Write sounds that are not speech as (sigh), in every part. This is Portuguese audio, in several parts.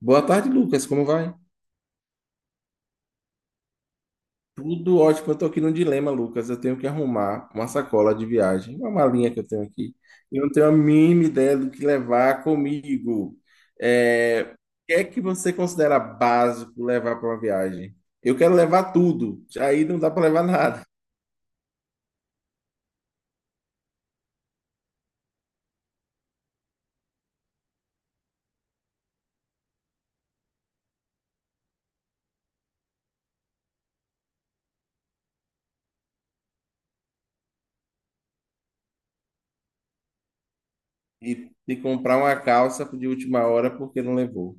Boa tarde, Lucas. Como vai? Tudo ótimo. Eu tô aqui num dilema, Lucas. Eu tenho que arrumar uma sacola de viagem, uma malinha que eu tenho aqui. Eu não tenho a mínima ideia do que levar comigo. O que é que você considera básico levar para uma viagem? Eu quero levar tudo. Aí não dá para levar nada. E comprar uma calça de última hora porque não levou.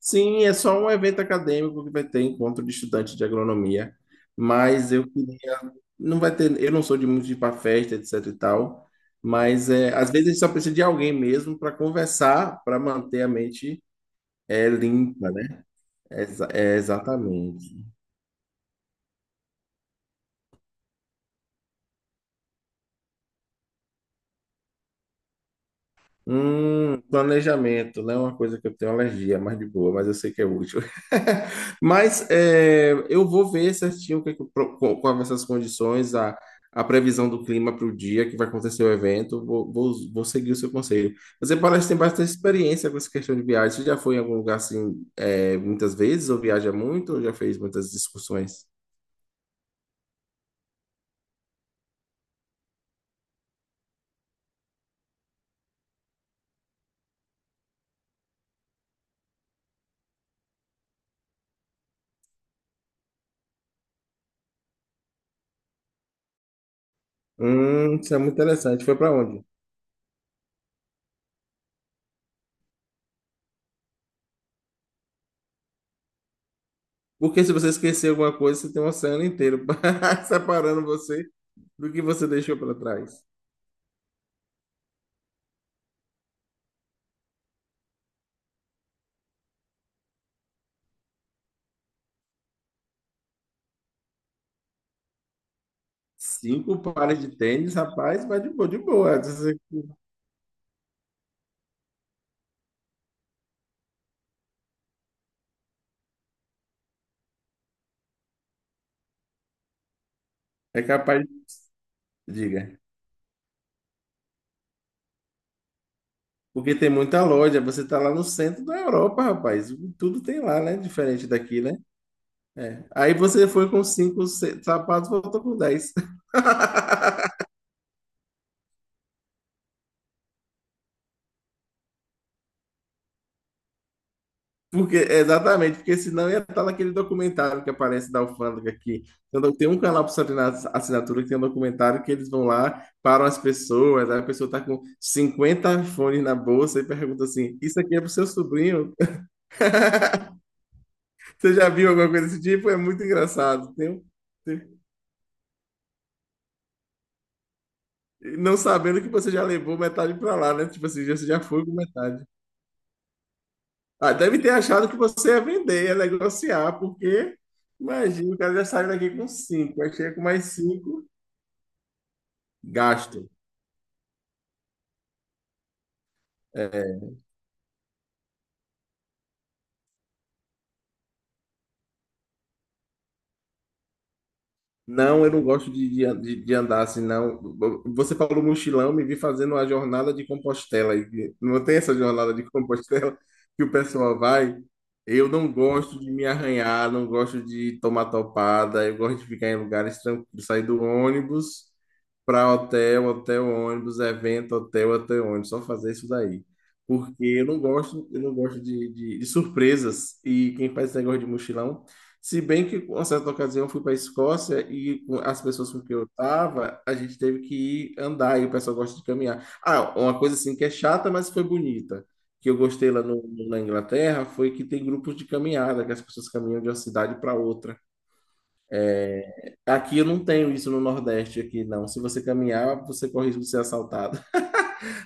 Sim, é só um evento acadêmico que vai ter encontro de estudante de agronomia, mas eu queria, não vai ter, eu não sou de muito de ir para festa, etc e tal, mas às vezes a gente só precisa de alguém mesmo para conversar, para manter a mente limpa, né? Exatamente. Planejamento não é uma coisa que eu tenho alergia, mas de boa, mas eu sei que é útil. (laughs) Mas eu vou ver certinho o que, é que eu pro- co- quais essas condições, a previsão do clima para o dia que vai acontecer o evento. Vou seguir o seu conselho. Você parece ter bastante experiência com essa questão de viagem. Você já foi em algum lugar assim, muitas vezes, ou viaja muito, ou já fez muitas discussões? Isso é muito interessante. Foi para onde? Porque se você esquecer alguma coisa, você tem um oceano inteiro (laughs) separando você do que você deixou para trás. Cinco pares de tênis, rapaz, vai de boa, de boa. Você é capaz, de... diga. Porque tem muita loja, você tá lá no centro da Europa, rapaz. Tudo tem lá, né? Diferente daqui, né? É. Aí você foi com cinco se- sapatos, voltou com dez. Porque, exatamente, porque senão ia estar naquele documentário que aparece da alfândega aqui. Então, tem um canal para assinatura que tem um documentário que eles vão lá, param as pessoas, aí a pessoa está com 50 fones na bolsa e pergunta assim: isso aqui é pro seu sobrinho? (laughs) Você já viu alguma coisa desse tipo? É muito engraçado. Tem- Não sabendo que você já levou metade para lá, né? Tipo assim, você já foi com metade. Ah, deve ter achado que você ia vender, ia negociar, porque imagina, o cara já saiu daqui com cinco, aí chega com mais cinco, gasto. É, Não, eu não gosto de andar assim, não. Você falou mochilão, me vi fazendo a jornada de Compostela. E não tem essa jornada de Compostela (laughs) que o pessoal vai. Eu não gosto de me arranhar, não gosto de tomar topada, eu gosto de ficar em lugares tranquilos, sair do ônibus para hotel, hotel, ônibus, evento, hotel, hotel, ônibus, só fazer isso daí. Porque eu não gosto de surpresas. E quem faz esse negócio de mochilão, se bem que, com certa ocasião, eu fui para a Escócia e com as pessoas com que eu estava, a gente teve que ir andar e o pessoal gosta de caminhar. Ah, uma coisa assim que é chata, mas foi bonita, que eu gostei lá no, na Inglaterra, foi que tem grupos de caminhada, que as pessoas caminham de uma cidade para outra. Aqui eu não tenho isso no Nordeste, aqui não. Se você caminhar, você corre risco de ser assaltado.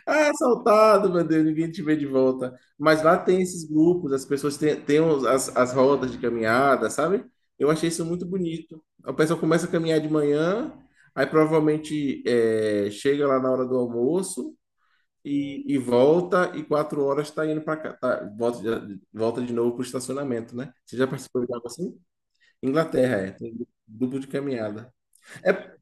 Ah, assaltado, meu Deus, ninguém te vê de volta. Mas lá tem esses grupos, as pessoas as rodas de caminhada, sabe? Eu achei isso muito bonito. A pessoa começa a caminhar de manhã, aí provavelmente chega lá na hora do almoço e volta, e 4 horas está indo para cá, tá, volta de novo para o estacionamento, né? Você já participou de algo assim? Inglaterra, é, tem grupo de caminhada. É,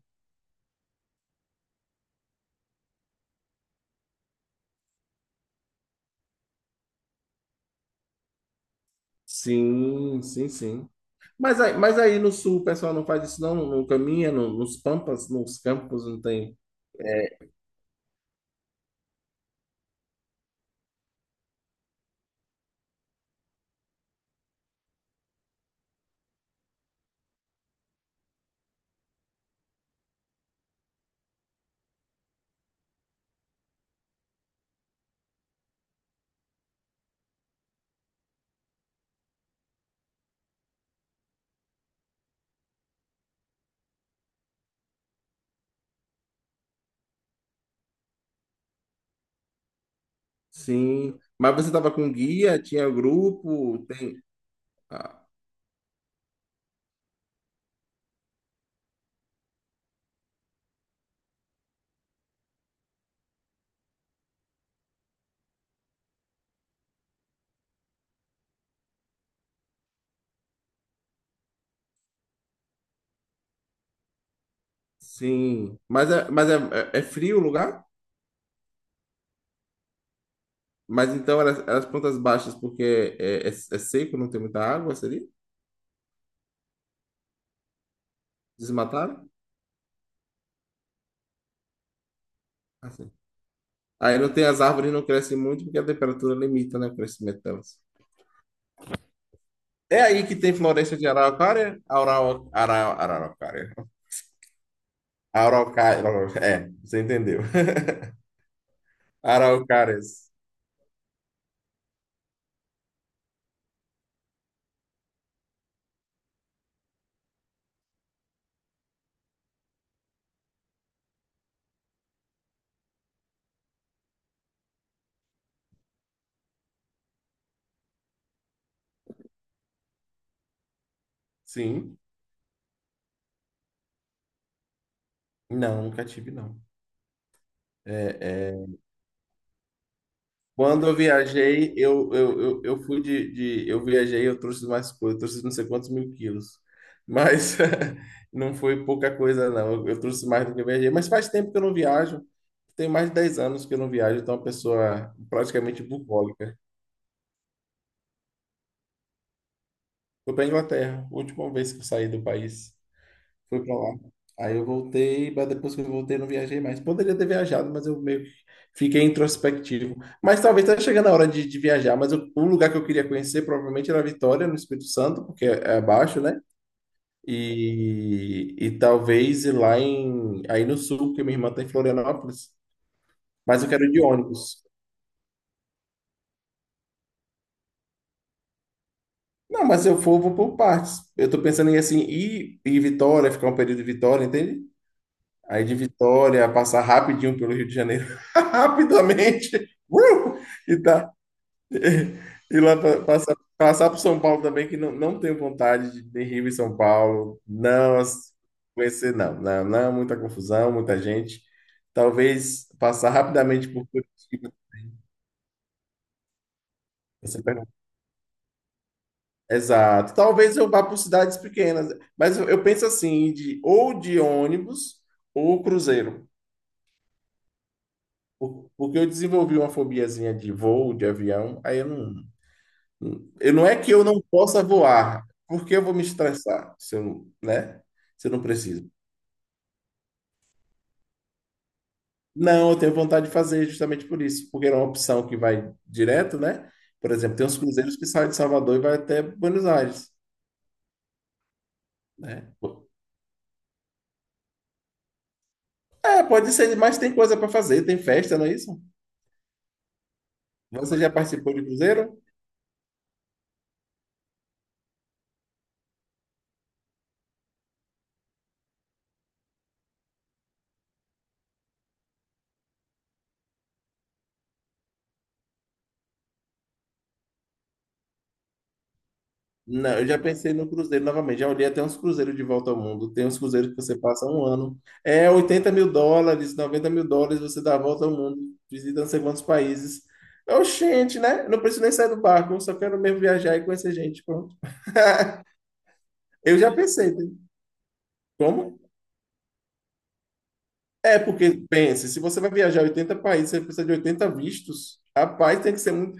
sim. Mas aí no sul o pessoal não faz isso, não? Não caminha no- nos pampas, nos campos, não tem. Sim. Mas você estava com guia, tinha grupo, tem. Ah, sim. Mas é frio o lugar? Mas então elas plantas baixas, porque é seco, não tem muita água, seria? Desmataram? Assim. Aí não tem as árvores, não crescem muito, porque a temperatura limita, né, o crescimento delas. É aí que tem floresta de araucária? Araucária. Araucária. É, você entendeu. Araucárias. Sim. Não, nunca tive, não. É, é, quando eu viajei, eu fui eu viajei, eu trouxe mais coisa, eu trouxe não sei quantos mil quilos. Mas (laughs) não foi pouca coisa, não. Eu trouxe mais do que eu viajei. Mas faz tempo que eu não viajo. Tem mais de 10 anos que eu não viajo, então é uma pessoa praticamente bucólica. Fui para Inglaterra, última vez que eu saí do país. Fui pra lá. Aí eu voltei, mas depois que eu voltei, eu não viajei mais. Poderia ter viajado, mas eu meio que fiquei introspectivo. Mas talvez tá chegando a hora de viajar. Mas eu- o lugar que eu queria conhecer provavelmente era Vitória, no Espírito Santo, porque é abaixo, né? E talvez ir lá em, aí no sul, porque minha irmã tá em Florianópolis. Mas eu quero ir de ônibus. Não, mas se eu for, eu vou por partes. Eu tô pensando em assim, ir em Vitória, ficar um período em Vitória, entende? Aí de Vitória, passar rapidinho pelo Rio de Janeiro, (laughs) rapidamente, uh, e tá. E lá passar por São Paulo também, que não, não tenho vontade de Rio e São Paulo. Conhecer, não, não, não, muita confusão, muita gente. Talvez passar rapidamente por Curitiba. Você pergunta. Exato. Talvez eu vá por cidades pequenas, mas eu penso assim, ou de ônibus ou cruzeiro. Porque eu desenvolvi uma fobiazinha de voo, de avião, aí eu não. Eu, não é que eu não possa voar, porque eu vou me estressar se eu, né? Se eu não preciso. Não, eu tenho vontade de fazer justamente por isso, porque era uma opção que vai direto, né? Por exemplo, tem uns cruzeiros que saem de Salvador e vai até Buenos Aires, né? É, pode ser, mas tem coisa para fazer, tem festa, não é isso? Você já participou de cruzeiro? Não, eu já pensei no cruzeiro novamente. Já olhei até uns cruzeiros de volta ao mundo. Tem uns cruzeiros que você passa um ano. É US$ 80.000, US$ 90.000, você dá a volta ao mundo, visita não sei quantos países. Oxente, né? Não preciso nem sair do barco, só quero mesmo viajar e conhecer gente. Pronto. (laughs) Eu já pensei, né? Como? É, porque pense, se você vai viajar 80 países, você precisa de 80 vistos. Rapaz, tem que ser muito.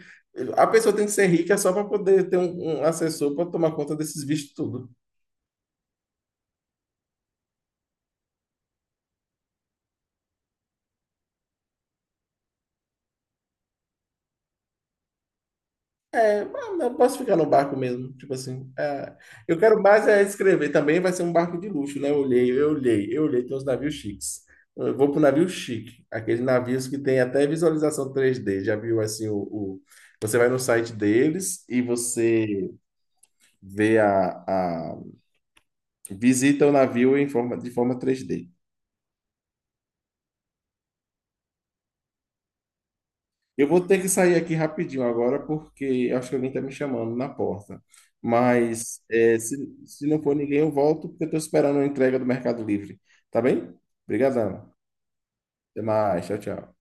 A pessoa tem que ser rica só para poder ter um assessor para tomar conta desses vistos tudo. Ah, não, posso ficar no barco mesmo, tipo assim. Eu quero mais é escrever. Também vai ser um barco de luxo, né? Eu olhei. Tem uns navios chiques. Eu vou pro navio chique, aqueles navios que tem até visualização 3D. Já viu assim você vai no site deles e você vê a, a- visita o navio em forma de forma 3D. Eu vou ter que sair aqui rapidinho agora, porque acho que alguém está me chamando na porta. Mas se não for ninguém, eu volto, porque eu estou esperando a entrega do Mercado Livre. Tá bem? Obrigadão. Até mais. Tchau, tchau.